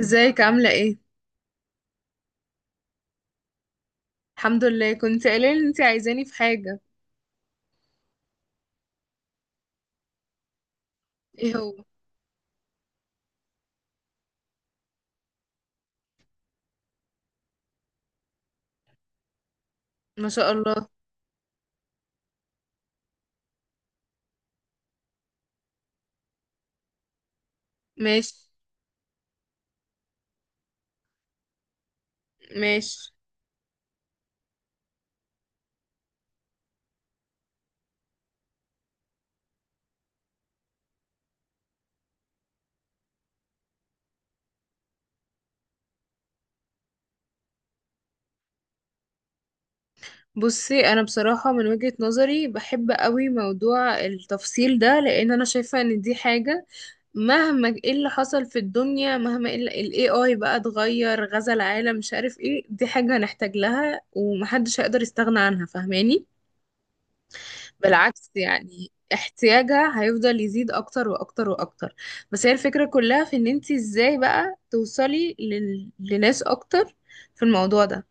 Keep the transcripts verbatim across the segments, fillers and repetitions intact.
ازيك عاملة ايه؟ الحمد لله، كنت قايلة ان انتي عايزاني في حاجة. ايه هو؟ ما شاء الله. ماشي. ماشي. بصي، انا بصراحة من وجهة نظري بحب قوي موضوع التفصيل ده لان انا شايفة ان دي حاجة مهما ايه اللي حصل في الدنيا، مهما ايه اللي- ال إيه آي بقى اتغير، غزا العالم مش عارف ايه، دي حاجة هنحتاج لها ومحدش هيقدر يستغنى عنها، فاهماني؟ بالعكس، يعني احتياجها هيفضل يزيد اكتر واكتر واكتر. بس هي الفكرة كلها في ان انت ازاي بقى توصلي لل... لناس اكتر في الموضوع ده.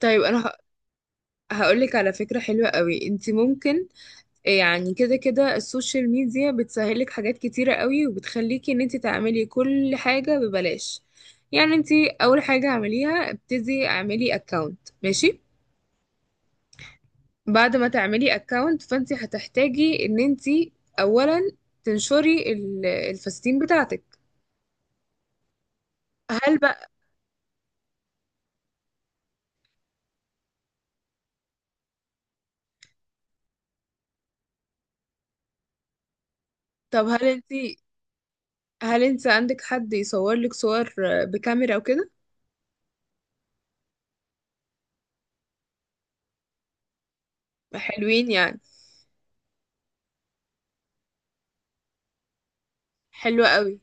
طيب انا ه- هقولك على فكرة حلوة قوي، انت ممكن آه، يعني كده كده السوشيال ميديا بتسهلك حاجات كتيرة قوي وبتخليكي ان انت تعملي كل حاجة ببلاش. يعني انت اول حاجة اعمليها ابتدي اعملي اكاونت، ماشي. بعد ما تعملي اكونت فانت هتحتاجي ان انت اولا تنشري ال- الفساتين بتاعتك. هل بقى؟ طب هل انت، هل انت عندك حد يصور لك صور بكاميرا وكده؟ حلوين يعني. حلوة قوي.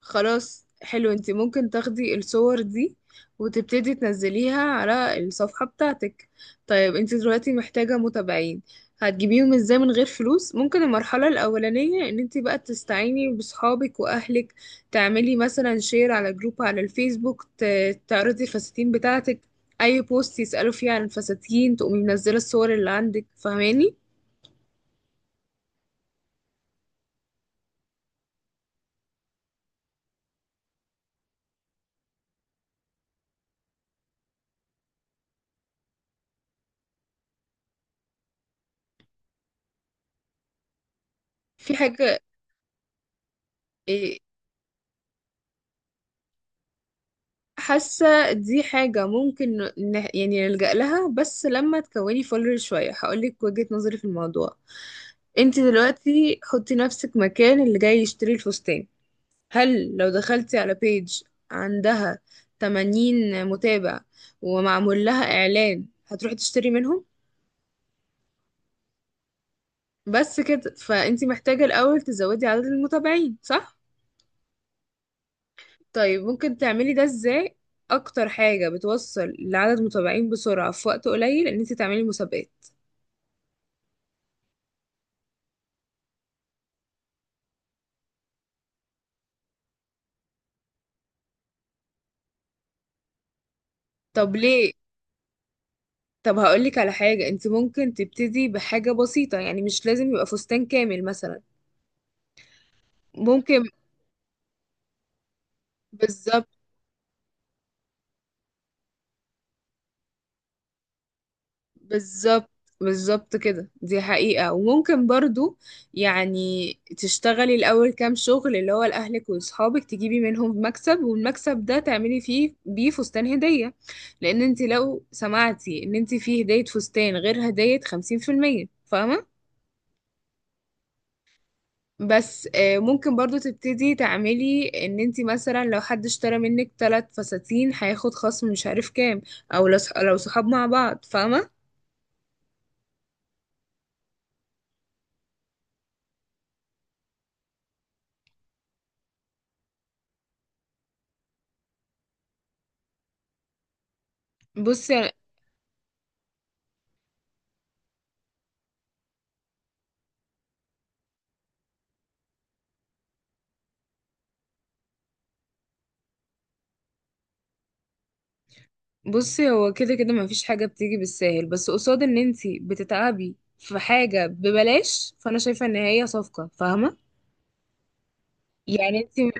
خلاص حلو، انت ممكن تاخدي الصور دي وتبتدي تنزليها على الصفحة بتاعتك. طيب انت دلوقتي محتاجة متابعين، هتجيبيهم ازاي من غير فلوس؟ ممكن المرحلة الأولانية ان انت بقى تستعيني بصحابك وأهلك، تعملي مثلا شير على جروب على الفيسبوك، ت- تعرضي الفساتين بتاعتك. أي بوست يسألوا فيه عن الفساتين تقومي منزلة الصور اللي عندك، فاهماني؟ في حاجة، إيه، حاسة دي حاجة ممكن نه... يعني نلجأ لها، بس لما تكوني فولر شوية هقولك وجهة نظري في الموضوع. انت دلوقتي حطي نفسك مكان اللي جاي يشتري الفستان، هل لو دخلتي على بيج عندها ثمانين متابع ومعمول لها إعلان هتروحي تشتري منهم؟ بس كده، فانت محتاجة الأول تزودي عدد المتابعين، صح؟ طيب ممكن تعملي ده ازاي؟ أكتر حاجة بتوصل لعدد متابعين بسرعة في وقت قليل إن انت تعملي مسابقات. طب ليه؟ طب هقولك على حاجة، انت ممكن تبتدي بحاجة بسيطة، يعني مش لازم يبقى فستان كامل مثلا. ممكن. بالظبط. بالظبط. بالظبط كده، دي حقيقة. وممكن برضو يعني تشتغلي الأول كام شغل اللي هو لأهلك وأصحابك تجيبي منهم مكسب، والمكسب ده تعملي فيه بيه فستان هدية، لأن انت لو سمعتي ان انت فيه هدية فستان غير هدية خمسين في المية، فاهمة؟ بس آه، ممكن برضو تبتدي تعملي ان انتي مثلا لو حد اشترى منك ثلاث فساتين هياخد خصم مش عارف كام، او لو صح- لو صحاب مع بعض، فاهمة؟ بصي بصي، هو كده كده مفيش حاجة بتيجي بالساهل، بس قصاد ان انتي بتتعبي في حاجة ببلاش فانا شايفة ان هي صفقة، فاهمة؟ يعني انتي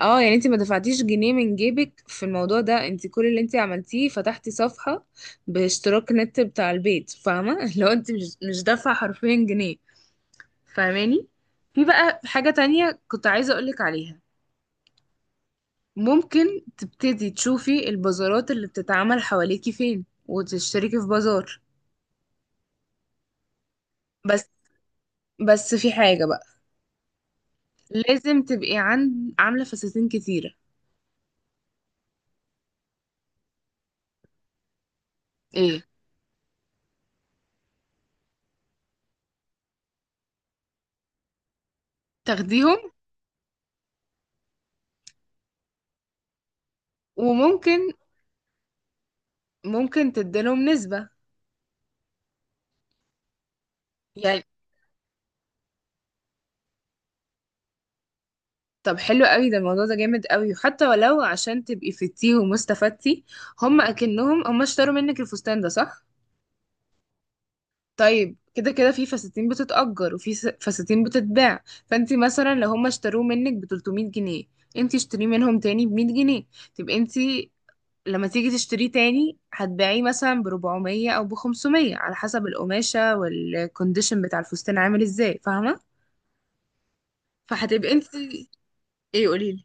اه يعني انتي ما دفعتيش جنيه من جيبك في الموضوع ده، انتي كل اللي انتي عملتيه فتحتي صفحة باشتراك نت بتاع البيت، فاهمة؟ لو انتي مش مش دافعة حرفيا جنيه. فاهماني؟ في بقى حاجة تانية كنت عايزة أقولك عليها، ممكن تبتدي تشوفي البازارات اللي بتتعمل حواليكي فين وتشتركي في بازار. بس، بس في حاجة بقى، لازم تبقي عند عاملة فساتين كتيرة. ايه؟ تاخديهم. وممكن ممكن تديلهم نسبة يعني. طب حلو قوي ده، الموضوع ده جامد قوي، وحتى ولو عشان تبقي فتيه ومستفدتي هم اكنهم هم اشتروا منك الفستان ده، صح. طيب كده كده في فساتين بتتأجر وفي س- فساتين بتتباع، فانت مثلا لو هم اشتروه منك ب ثلاث مية جنيه، انت اشتريه منهم تاني ب مية جنيه. تبقى انت لما تيجي تشتريه تاني هتبيعيه مثلا ب اربع مية او ب خمسمئة على حسب القماشة والكونديشن بتاع الفستان عامل ازاي، فاهمة؟ فهتبقى انت. ايه قوليلي.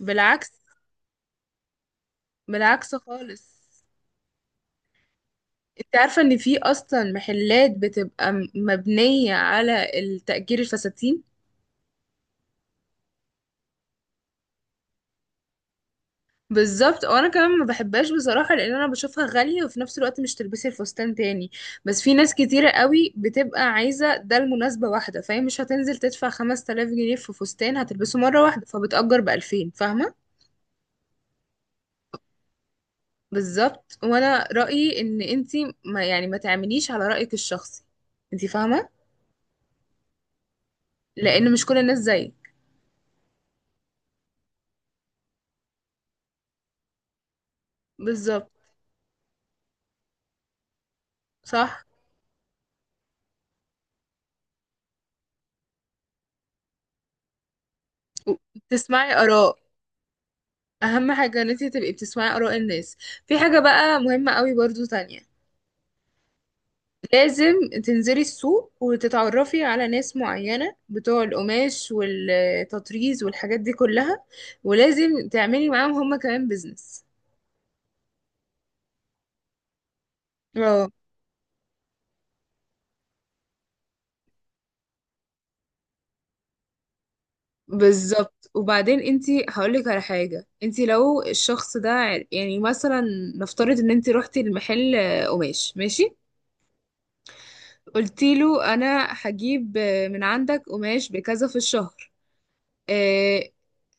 بالعكس. بالعكس خالص. انت عارفة ان في اصلا محلات بتبقى م- مبنية على التأجير الفساتين. بالظبط، وانا كمان ما بحبهاش بصراحه، لان انا بشوفها غاليه وفي نفس الوقت مش تلبسي الفستان تاني. بس في ناس كتيره قوي بتبقى عايزه ده لمناسبه واحده، فهي مش هتنزل تدفع خمس تلاف جنيه في فستان هتلبسه مره واحده، فبتأجر ب الفين، فاهمه؟ بالظبط، وانا رأيي ان انتي ما يعني ما تعمليش على رأيك الشخصي، انتي فاهمه؟ لان مش كل الناس زيك. بالظبط صح. تسمعي آراء. اهم حاجه ان انتي تبقي بتسمعي آراء الناس. في حاجه بقى مهمه قوي برضو تانية، لازم تنزلي السوق وتتعرفي على ناس معينة بتوع القماش والتطريز والحاجات دي كلها، ولازم تعملي معاهم هما كمان بيزنس. اه بالظبط، وبعدين انتي هقولك على حاجة، انتي لو الشخص ده عر- يعني مثلا نفترض ان انتي روحتي المحل آه، قماش ماشي، قلتيله انا هجيب آه، من عندك قماش بكذا في الشهر. إيه،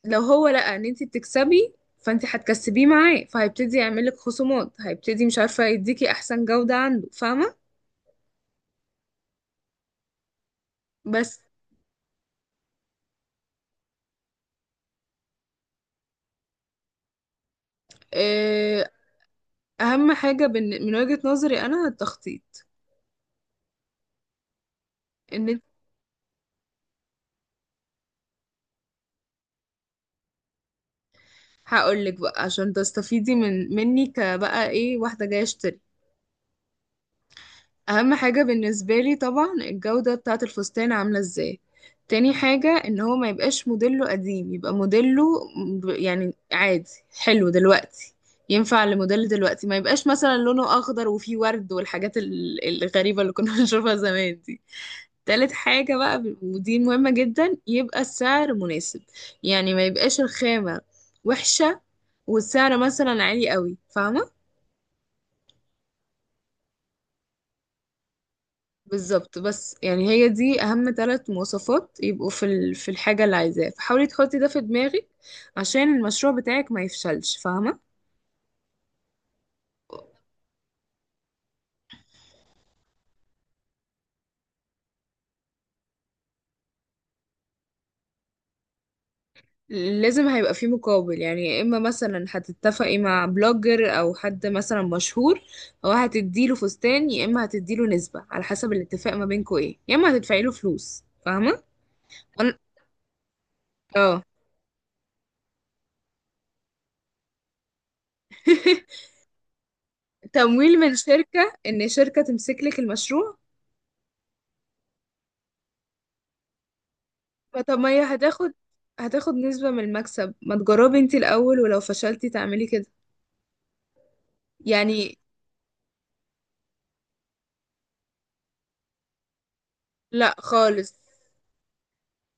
لو هو لقى ان انت بتكسبي فانت هتكسبيه معاه فهيبتدي يعملك خصومات، هيبتدي مش عارفة يديكي احسن جودة عنده، فاهمة؟ بس إيه، اهم حاجة بن- من وجهة نظري انا التخطيط. ان هقول لك بقى عشان تستفيدي من مني كبقى ايه واحدة جاية اشتري. اهم حاجة بالنسبة لي طبعا الجودة بتاعة الفستان عاملة ازاي. تاني حاجة ان هو ما يبقاش موديله قديم، يبقى موديله ب- يعني عادي، حلو دلوقتي، ينفع لموديل دلوقتي، ما يبقاش مثلا لونه اخضر وفيه ورد والحاجات ال- الغريبة اللي كنا بنشوفها زمان دي. تالت حاجة بقى ب- ودي مهمة جدا، يبقى السعر مناسب، يعني ما يبقاش الخامة وحشة والسعر مثلا عالي قوي، فاهمة؟ بالظبط، بس يعني هي دي اهم ثلاث مواصفات يبقوا في ال... في الحاجه اللي عايزاها، فحاولي تحطي ده في دماغك عشان المشروع بتاعك ما يفشلش، فاهمه؟ لازم هيبقى فيه مقابل يعني، يا اما مثلا هتتفقي مع بلوجر او حد مثلا مشهور هو هتديله فستان، يا اما هتديله نسبه على حسب الاتفاق ما بينكوا ايه، يا اما هتدفعي له فلوس، فاهمه؟ أنا- اه تمويل من شركه، ان شركه تمسك لك المشروع. ما طب ما هي هتاخد هتاخد نسبة من المكسب، ما تجربي انتي الأول ولو فشلتي تعملي كده يعني. لا خالص،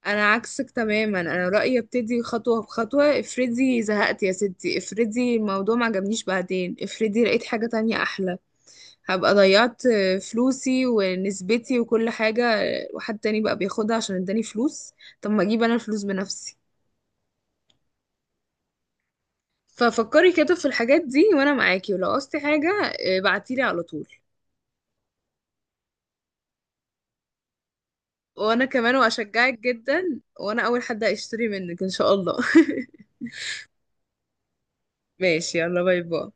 أنا عكسك تماما، أنا رأيي ابتدي خطوة بخطوة، افرضي زهقت يا ستي، افرضي الموضوع ما عجبنيش، بعدين افرضي لقيت حاجة تانية أحلى، هبقى ضيعت فلوسي ونسبتي وكل حاجة، وحد تاني بقى بياخدها عشان اداني فلوس، طب ما اجيب أنا الفلوس بنفسي. ففكري كده في الحاجات دي، وأنا معاكي، ولو قصتي حاجة اه، بعتيلي على طول. وانا كمان واشجعك جدا، وانا اول حد هيشتري منك ان شاء الله ماشي، يلا باي باي.